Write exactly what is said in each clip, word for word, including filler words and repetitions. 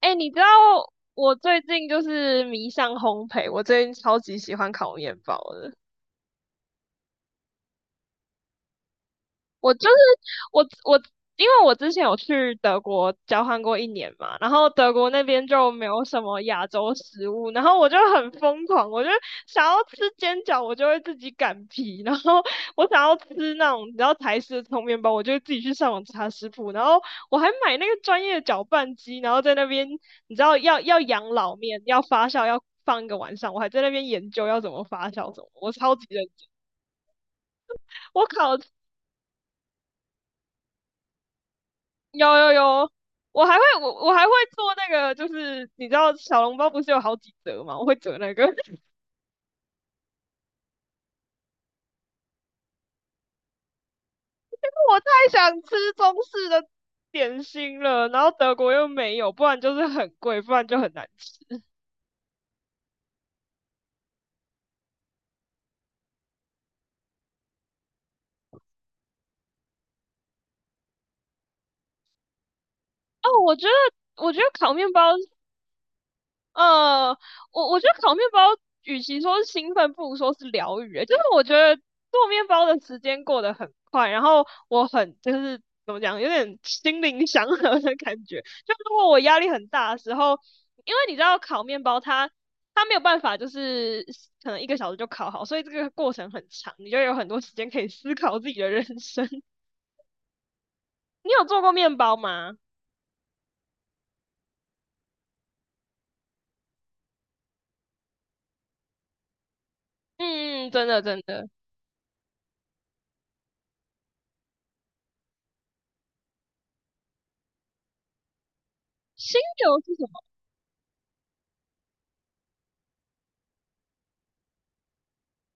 哎，你知道我最近就是迷上烘焙，我最近超级喜欢烤面包的。我就是我我，因为我之前有去德国交换过一年嘛，然后德国那边就没有什么亚洲食物，然后我就很疯狂，我就想要吃煎饺，我就会自己擀皮，然后我想要吃那种你知道台式的葱面包，我就会自己去上网查食谱，然后我还买那个专业的搅拌机，然后在那边你知道要要养老面，要发酵，要放一个晚上，我还在那边研究要怎么发酵，怎么我超级认真。我考有有有，我还会我我还会做那个，就是你知道小笼包不是有好几折吗？我会折那个，我太想吃中式的点心了，然后德国又没有，不然就是很贵，不然就很难吃。哦，我觉得我觉得烤面包呃，我我觉得烤面包，与其说是兴奋，不如说是疗愈欸。就是我觉得做面包的时间过得很快，然后我很就是怎么讲，有点心灵祥和的感觉。就如果我压力很大的时候，因为你知道烤面包它它没有办法，就是可能一个小时就烤好，所以这个过程很长，你就有很多时间可以思考自己的人生。你有做过面包吗？嗯，真的真的。心流是什么？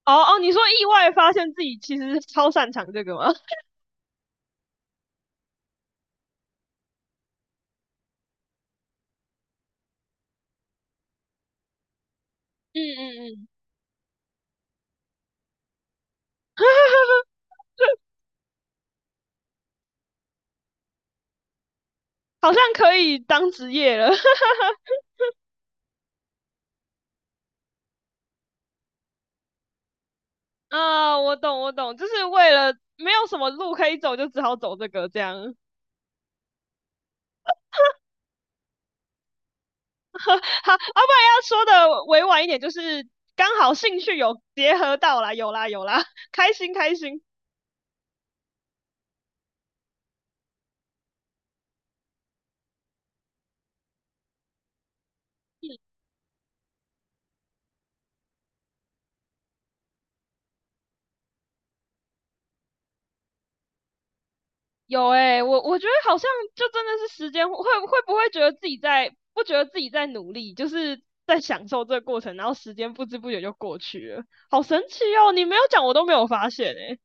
哦哦，你说意外发现自己其实超擅长这个吗？嗯嗯嗯。好像可以当职业了。啊，我懂我懂，就是为了没有什么路可以走，就只好走这个这样。好，要、啊、不然要说的委婉一点，就是刚好兴趣有结合到啦，有啦有啦，开心开心。有哎，我我觉得好像就真的是时间会会不会觉得自己在不觉得自己在努力，就是在享受这个过程，然后时间不知不觉就过去了，好神奇哦！你没有讲我都没有发现诶。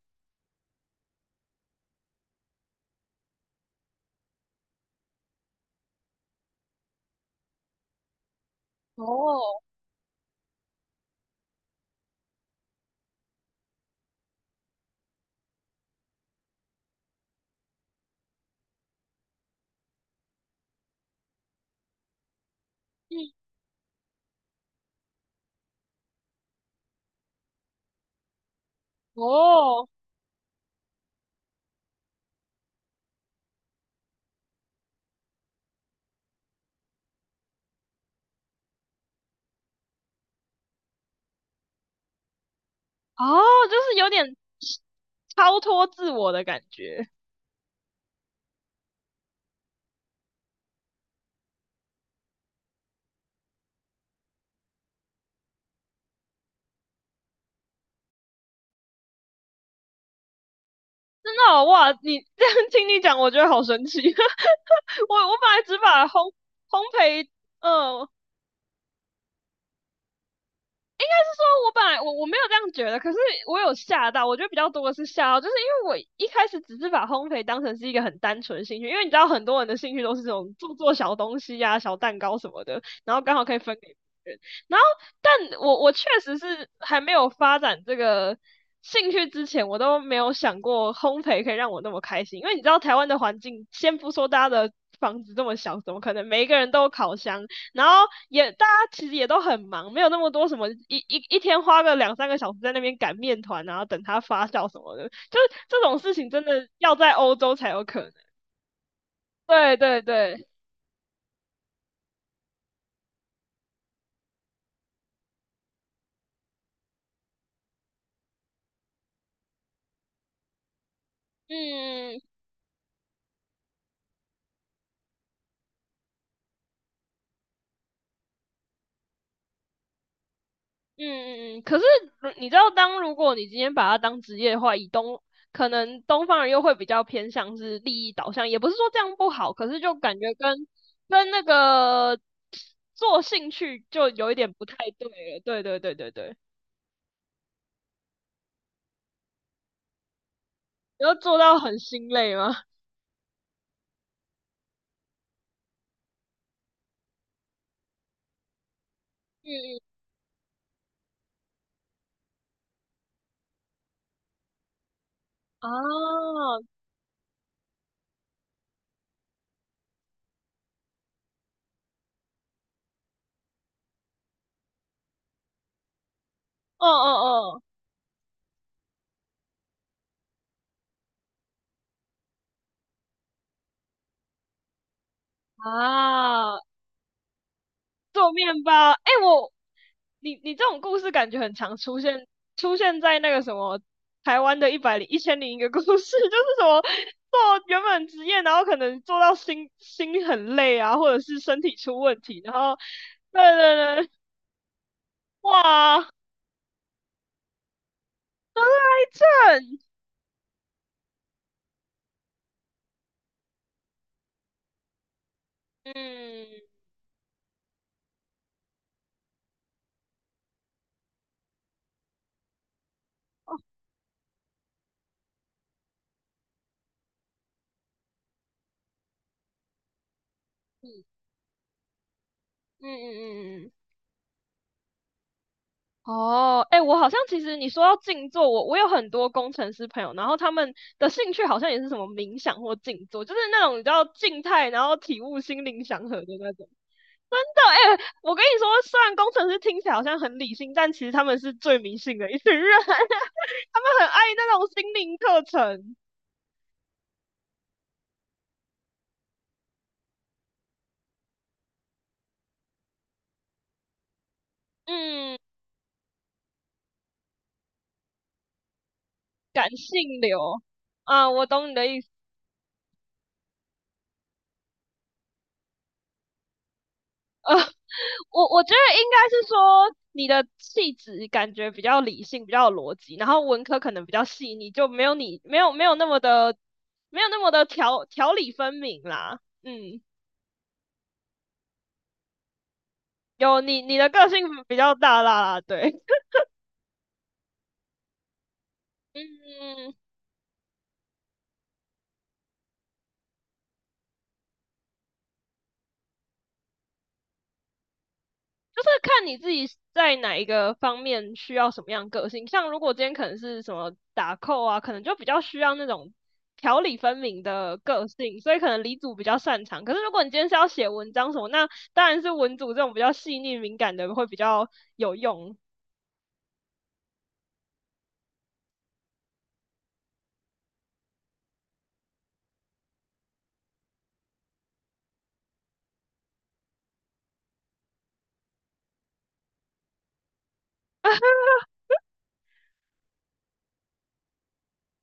哦，嗯，哦，哦，就是有点超脱自我的感觉。真的哦哇！你这样听你讲，我觉得好神奇。我我本来只把烘烘焙，嗯、说我本来我我没有这样觉得。可是我有吓到。我觉得比较多的是吓到，就是因为我一开始只是把烘焙当成是一个很单纯的兴趣，因为你知道很多人的兴趣都是这种做做小东西呀、啊小蛋糕什么的，然后刚好可以分给别人。然后，但我我确实是还没有发展这个兴趣之前，我都没有想过烘焙可以让我那么开心。因为你知道台湾的环境，先不说大家的房子这么小，怎么可能每一个人都有烤箱？然后也大家其实也都很忙，没有那么多什么一一一天花个两三个小时在那边擀面团，然后等它发酵什么的，就这种事情真的要在欧洲才有可能。对对对。嗯嗯嗯嗯。可是你知道，当如果你今天把它当职业的话，以东可能东方人又会比较偏向是利益导向，也不是说这样不好，可是就感觉跟跟那个做兴趣就有一点不太对了。对对对对对。你要做到很心累吗？嗯嗯。啊，哦哦哦。啊，做面包，哎、我你你这种故事感觉很常出现，出现在那个什么台湾的一百零一千零一个故事，就是什么做原本职业，然后可能做到心心很累啊，或者是身体出问题，然后对对对，哇，得了癌症。嗯嗯嗯嗯嗯。嗯。哦，哎，我好像其实你说到静坐，我我有很多工程师朋友，然后他们的兴趣好像也是什么冥想或静坐，就是那种你知道静态，然后体悟心灵祥和的那种。真的，哎，我跟你说，虽然工程师听起来好像很理性，但其实他们是最迷信的一群人，他们很爱那种心灵课程。嗯，感性流，啊，我懂你的意思。我我觉得应该是说你的气质感觉比较理性，比较有逻辑，然后文科可能比较细腻，就没有你没有没有那么的没有那么的条条理分明啦。嗯。有你你的个性比较大啦啦，对，嗯。就是看你自己在哪一个方面需要什么样个性。像如果今天可能是什么打扣啊，可能就比较需要那种条理分明的个性，所以可能理组比较擅长。可是如果你今天是要写文章什么，那当然是文组这种比较细腻敏感的会比较有用。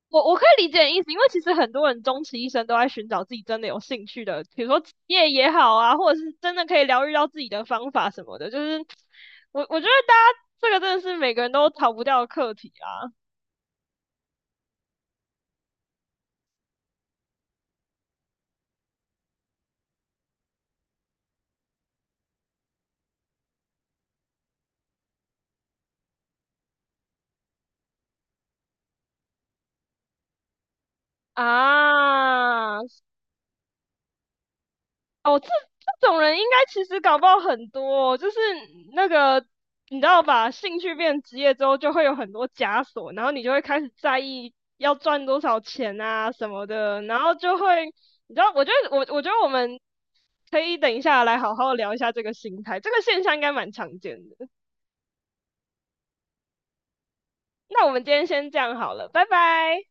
我我可以理解你意思，因为其实很多人终其一生都在寻找自己真的有兴趣的，比如说职业也好啊，或者是真的可以疗愈到自己的方法什么的。就是我我觉得大家这个真的是每个人都逃不掉的课题啊。哦，这这种人应该其实搞不好很多哦就是那个你知道吧，兴趣变职业之后，就会有很多枷锁，然后你就会开始在意要赚多少钱啊什么的，然后就会，你知道，我觉得我我觉得我们可以等一下来好好聊一下这个心态，这个现象应该蛮常见的。那我们今天先这样好了，拜拜。